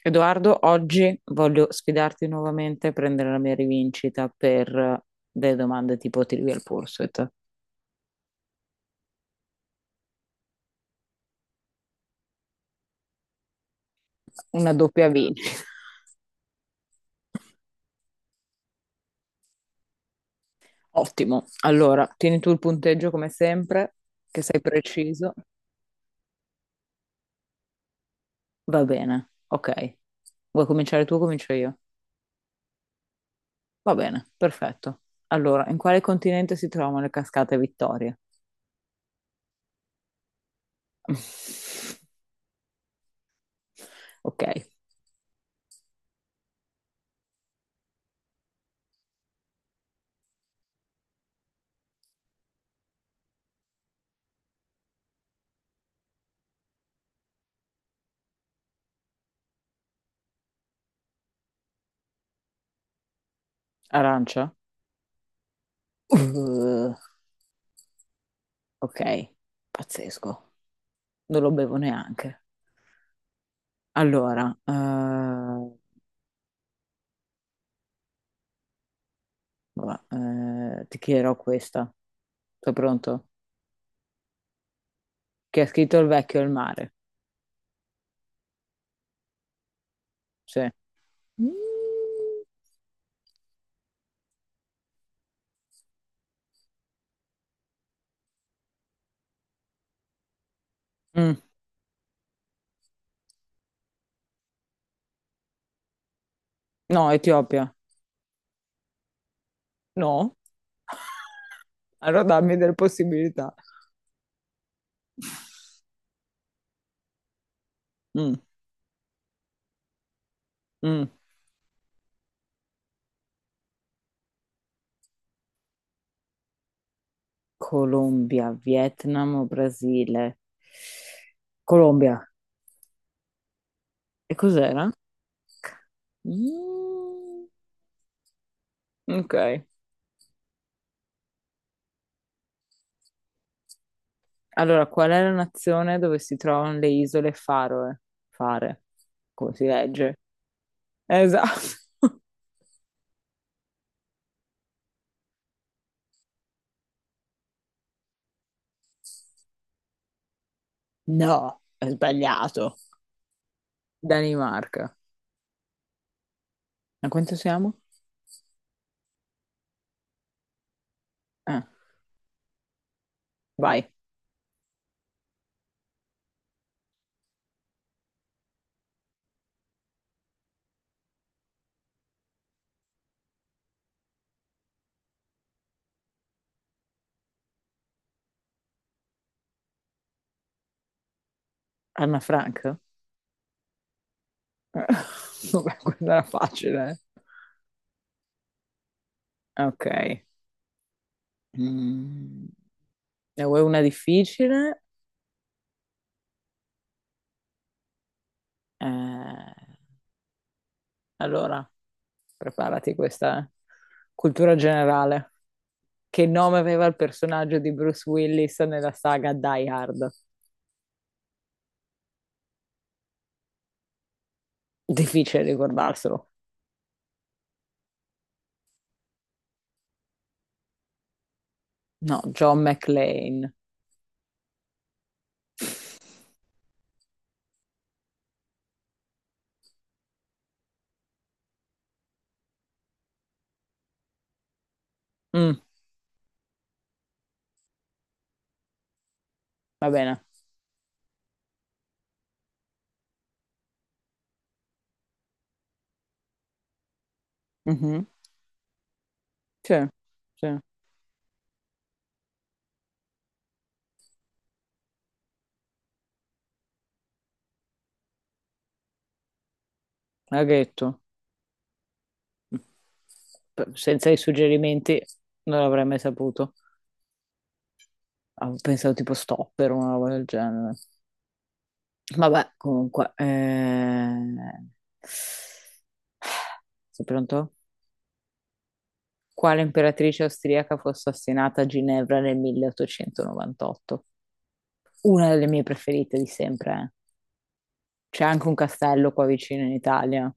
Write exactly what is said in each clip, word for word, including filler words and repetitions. Edoardo, oggi voglio sfidarti nuovamente a prendere la mia rivincita per eh, delle domande tipo Trivial Pursuit. Una doppia vincita. Ottimo. Allora, tieni tu il punteggio come sempre, che sei preciso. Va bene, ok. Vuoi cominciare tu o comincio io? Va bene, perfetto. Allora, in quale continente si trovano le cascate Vittoria? Ok, arancia? Uh, ok, pazzesco. Non lo bevo neanche. Allora, eh, va, eh, ti chiederò questa. Sei pronto? Chi ha scritto Il vecchio e il mare? Sì. Mm. Mm. No, Etiopia. No? Allora dammi delle possibilità. Mm. Mm. Colombia, Vietnam o Brasile? Colombia. E cos'era? Mm. Ok. Allora, qual è la nazione dove si trovano le isole Faroe? Fare. Come si legge? Esatto. No, è sbagliato. Danimarca. A quanto siamo? Ah, vai. Anna Frank? Eh, Vabbè, quella era facile. eh. Ok. Mm. Ne vuoi una difficile? Eh, allora, preparati questa eh. cultura generale. Che nome aveva il personaggio di Bruce Willis nella saga Die Hard? Difficile ricordarselo. No, John McClane. Mm, va bene. Mhm. Sì, sì, l'ha detto. P- Senza i suggerimenti non l'avrei mai saputo. Avevo pensato tipo stopper o una roba del genere. Vabbè, comunque. eh, Sei pronto? Quale imperatrice austriaca fu assassinata a Ginevra nel milleottocentonovantotto? Una delle mie preferite di sempre. eh. C'è anche un castello qua vicino in Italia.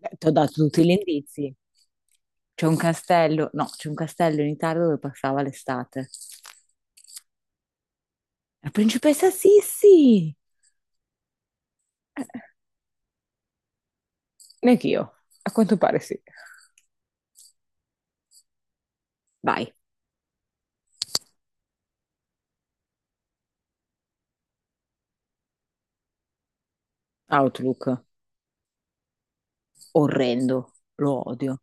Beh, ti ho dato tutti gli indizi. C'è un castello, no, c'è un castello in Italia dove passava l'estate. La principessa Sissi! Eh, Neanch'io, a quanto pare sì. Vai, Outlook, orrendo, lo odio,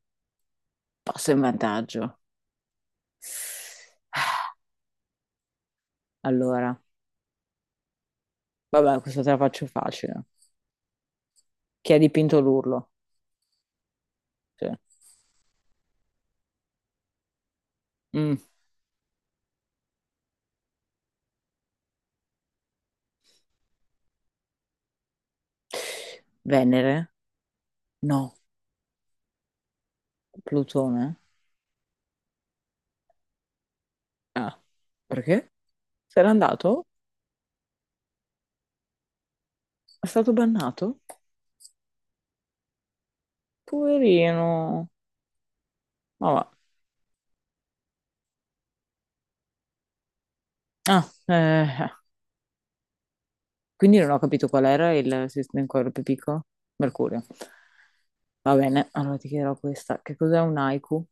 passo in vantaggio. Allora, vabbè, questa te la faccio facile. Chi ha dipinto l'urlo? Sì. Mm. Venere? No. Plutone? Ah, perché? Se n'è andato? È stato bannato? Poverino. Ma va. Ah, eh, quindi non ho capito qual era il sistema in cuore più piccolo. Mercurio. Va bene, allora ti chiederò questa. Che cos'è un haiku?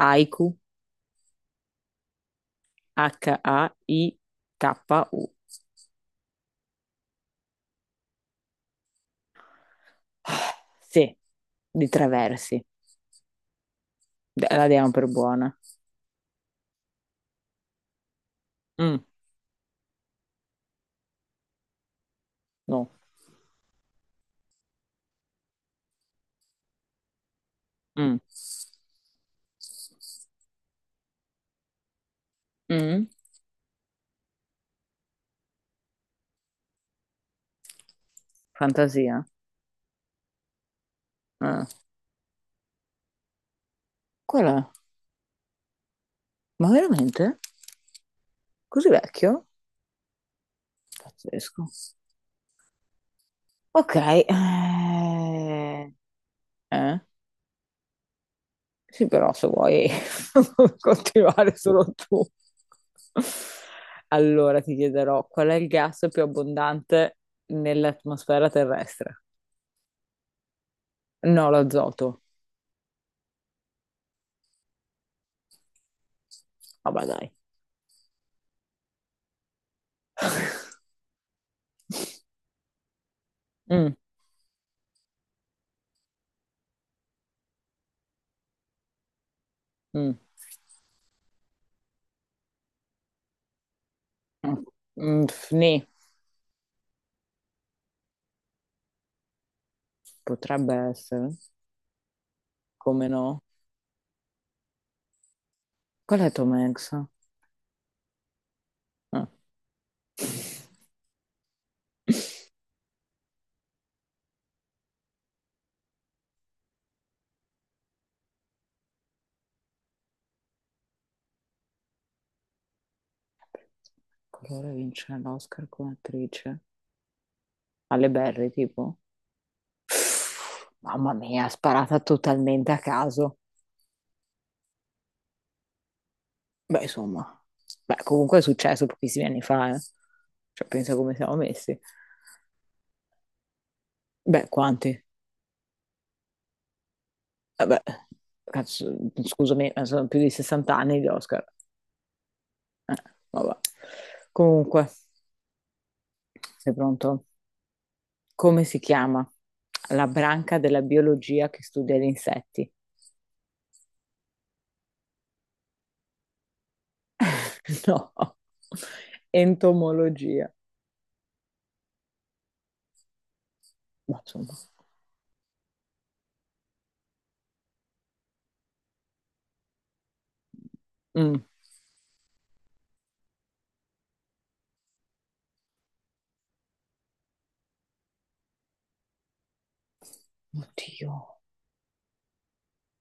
Haiku, H-A-I-K-U. Sì, di tre versi. De- La diamo per buona. Mm, no. Mm, mm. Fantasia. Ah. Qual è? Ma veramente? Così vecchio? Pazzesco. Ok. eh, Eh? Sì, però se vuoi continuare solo tu. Allora ti chiederò qual è il gas più abbondante nell'atmosfera terrestre? No, l'azoto. Vabbè, dai. Mm, mm, mm, mm, pff, nì. Potrebbe essere. Come no? Qual è Tom Hanks? Ah, colore vince l'Oscar come attrice. Alle Berry, tipo. Mamma mia, sparata totalmente a caso. Beh, insomma, beh, comunque è successo pochissimi anni fa, eh. Cioè, pensa come siamo messi. Beh, quanti? Vabbè, cazzo, scusami, ma sono più di sessanta anni di Oscar. Eh, vabbè. Comunque, sei pronto? Come si chiama la branca della biologia che studia gli insetti? No, entomologia. Ma insomma, Mm. Oddio.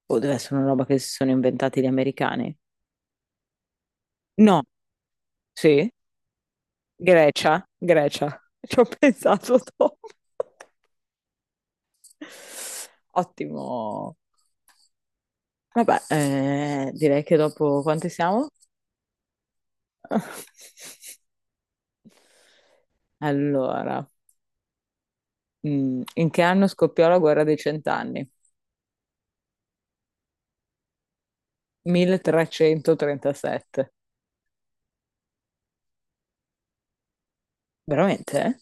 O deve essere una roba che si sono inventati gli americani? No, sì. Grecia, Grecia, ci ho pensato dopo. Ottimo. Vabbè, eh, direi che dopo quante siamo? Allora, mm, in che anno scoppiò la guerra dei cent'anni? milletrecentotrentasette. Veramente? Eh?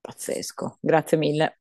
Pazzesco. Grazie mille.